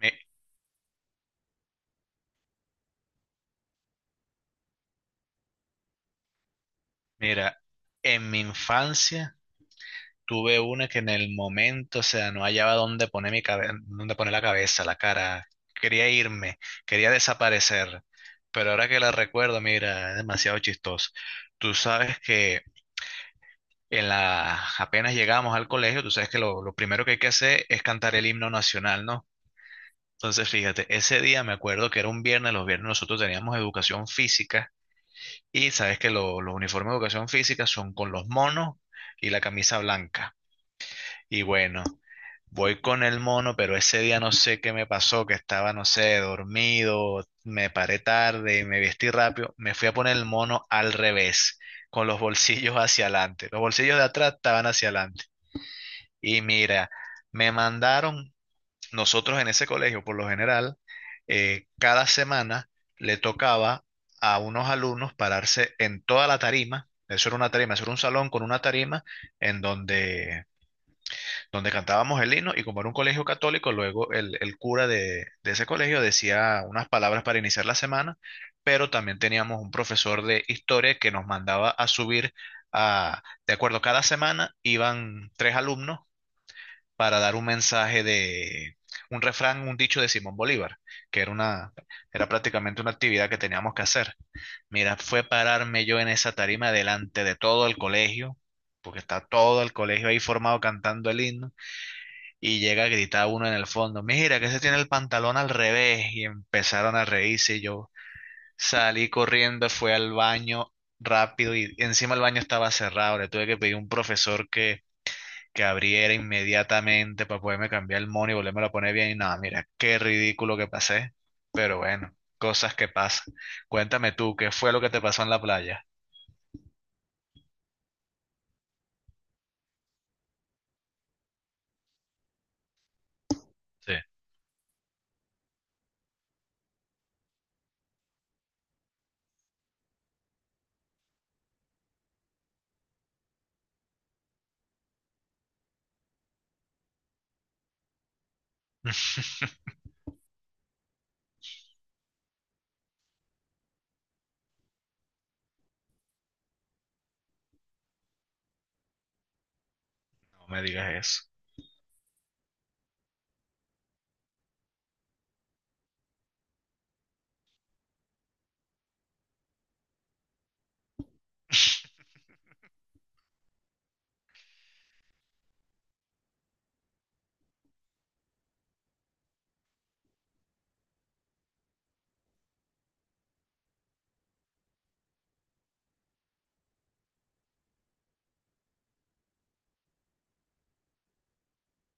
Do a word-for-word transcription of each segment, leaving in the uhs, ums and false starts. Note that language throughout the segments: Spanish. Mi- Mira, en mi infancia tuve una que en el momento, o sea, no hallaba dónde poner mi cabe- dónde poner la cabeza, la cara. Quería irme, quería desaparecer. Pero ahora que la recuerdo, mira, es demasiado chistoso. Tú sabes que en la, apenas llegamos al colegio, tú sabes que lo, lo primero que hay que hacer es cantar el himno nacional, ¿no? Entonces, fíjate, ese día me acuerdo que era un viernes, los viernes nosotros teníamos educación física. Y sabes que lo- los uniformes de educación física son con los monos y la camisa blanca. Y bueno, voy con el mono, pero ese día no sé qué me pasó, que estaba, no sé, dormido, me paré tarde, me vestí rápido, me fui a poner el mono al revés, con los bolsillos hacia adelante. Los bolsillos de atrás estaban hacia adelante. Y mira, me mandaron, nosotros en ese colegio, por lo general, eh, cada semana le tocaba a unos alumnos pararse en toda la tarima. Eso era una tarima, eso era un salón con una tarima en donde, donde cantábamos el himno y como era un colegio católico, luego el, el cura de, de ese colegio decía unas palabras para iniciar la semana, pero también teníamos un profesor de historia que nos mandaba a subir a, de acuerdo, cada semana iban tres alumnos para dar un mensaje de un refrán, un dicho de Simón Bolívar, que era una, era prácticamente una actividad que teníamos que hacer. Mira, fue pararme yo en esa tarima delante de todo el colegio, porque está todo el colegio ahí formado cantando el himno, y llega a gritar uno en el fondo, mira que se tiene el pantalón al revés, y empezaron a reírse, y yo salí corriendo, fui al baño rápido, y encima el baño estaba cerrado, le tuve que pedir a un profesor que que abriera inmediatamente para poderme cambiar el mono y volverme a poner bien. Y nada, mira, qué ridículo que pasé. Pero bueno, cosas que pasan. Cuéntame tú, ¿qué fue lo que te pasó en la playa? Sí. No me digas eso.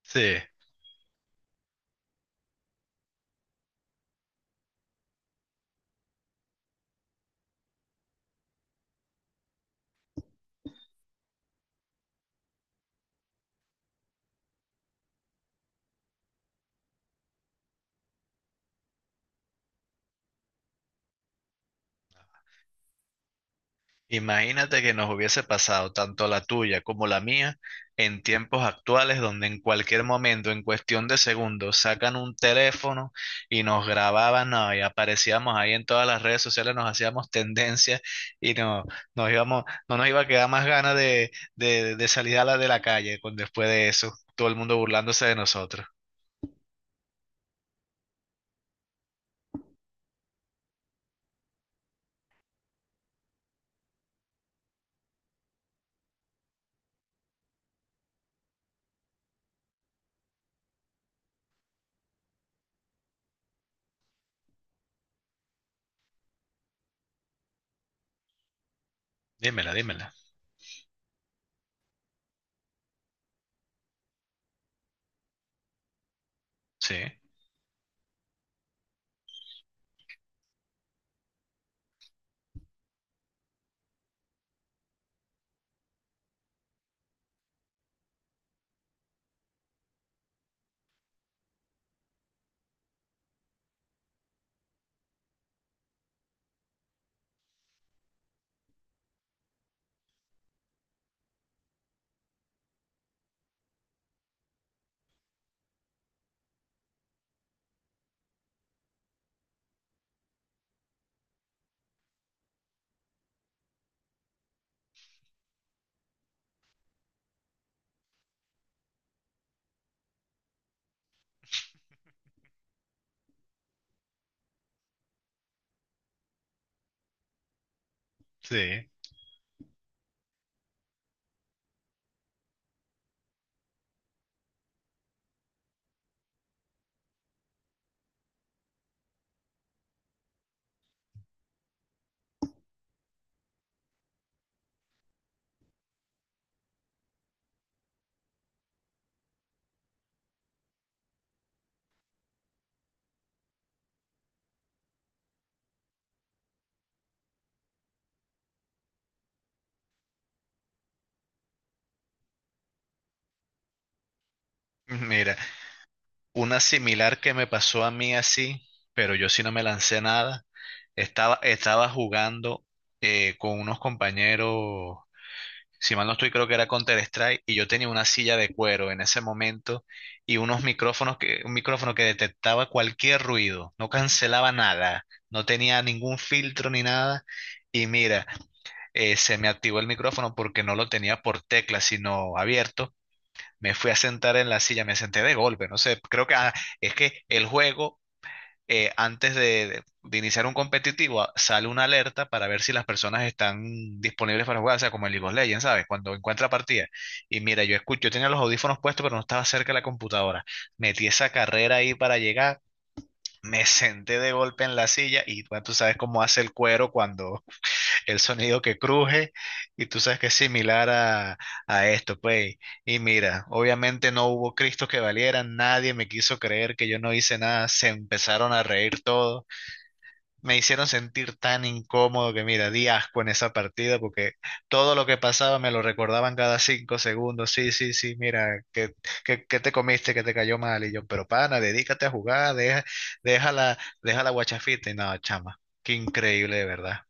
Sí. Imagínate que nos hubiese pasado tanto la tuya como la mía en tiempos actuales donde en cualquier momento, en cuestión de segundos, sacan un teléfono y nos grababan, no, y aparecíamos ahí en todas las redes sociales, nos hacíamos tendencia y no, nos íbamos, no nos iba a quedar más ganas de, de, de salir a la de la calle con, después de eso, todo el mundo burlándose de nosotros. Dímela, dímela. Sí, sí. Mira, una similar que me pasó a mí así, pero yo sí no me lancé nada. Estaba, estaba jugando eh, con unos compañeros, si mal no estoy, creo que era Counter-Strike, y yo tenía una silla de cuero en ese momento y unos micrófonos que, un micrófono que detectaba cualquier ruido, no cancelaba nada, no tenía ningún filtro ni nada. Y mira, eh, se me activó el micrófono porque no lo tenía por tecla, sino abierto. Me fui a sentar en la silla, me senté de golpe, no sé, creo que ah, es que el juego, eh, antes de, de- de iniciar un competitivo, ah, sale una alerta para ver si las personas están disponibles para jugar, o sea, como en League of Legends, ¿sabes? Cuando encuentra partida. Y mira, yo escucho, yo tenía los audífonos puestos, pero no estaba cerca de la computadora. Metí esa carrera ahí para llegar, me senté de golpe en la silla y bueno, tú sabes cómo hace el cuero cuando, el sonido que cruje y tú sabes que es similar a, a esto, pues. Y mira, obviamente no hubo Cristo que valiera, nadie me quiso creer que yo no hice nada, se empezaron a reír todos, me hicieron sentir tan incómodo que mira, di asco en esa partida porque todo lo que pasaba me lo recordaban cada cinco segundos, sí, sí, sí, mira, que, que, que te comiste, que te cayó mal, y yo, pero pana, dedícate a jugar, deja, deja la, deja la guachafita, y nada, chama, qué increíble de verdad.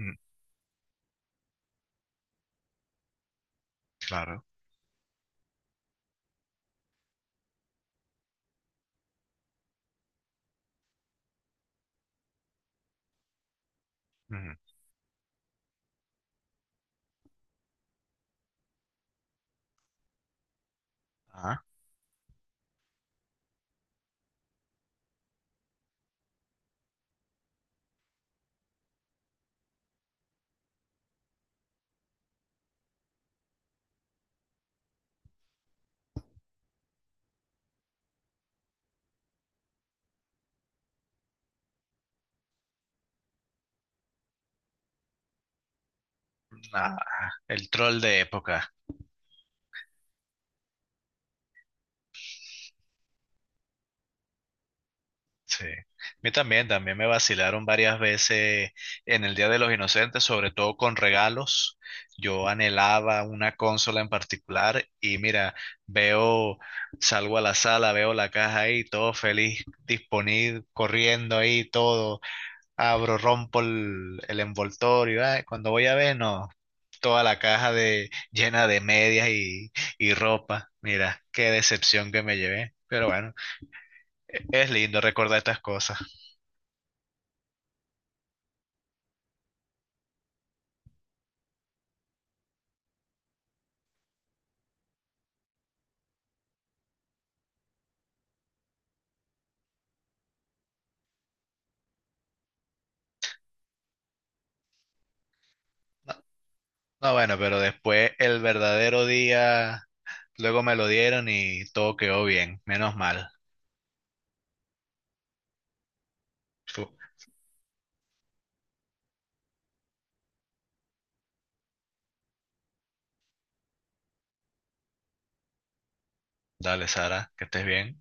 Mm. Claro. Ujú. Ah, nah, el troll de época. Sí. A mí también, también me vacilaron varias veces en el Día de los Inocentes, sobre todo con regalos. Yo anhelaba una consola en particular y mira, veo, salgo a la sala, veo la caja ahí, todo feliz, disponible, corriendo ahí, todo. Abro, rompo el, el envoltorio. Ay, cuando voy a ver, no, toda la caja de, llena de medias y, y ropa. Mira, qué decepción que me llevé. Pero bueno, es lindo recordar estas cosas. No, no, bueno, pero después el verdadero día, luego me lo dieron y todo quedó bien, menos mal. Fu. Dale, Sara, que estés bien.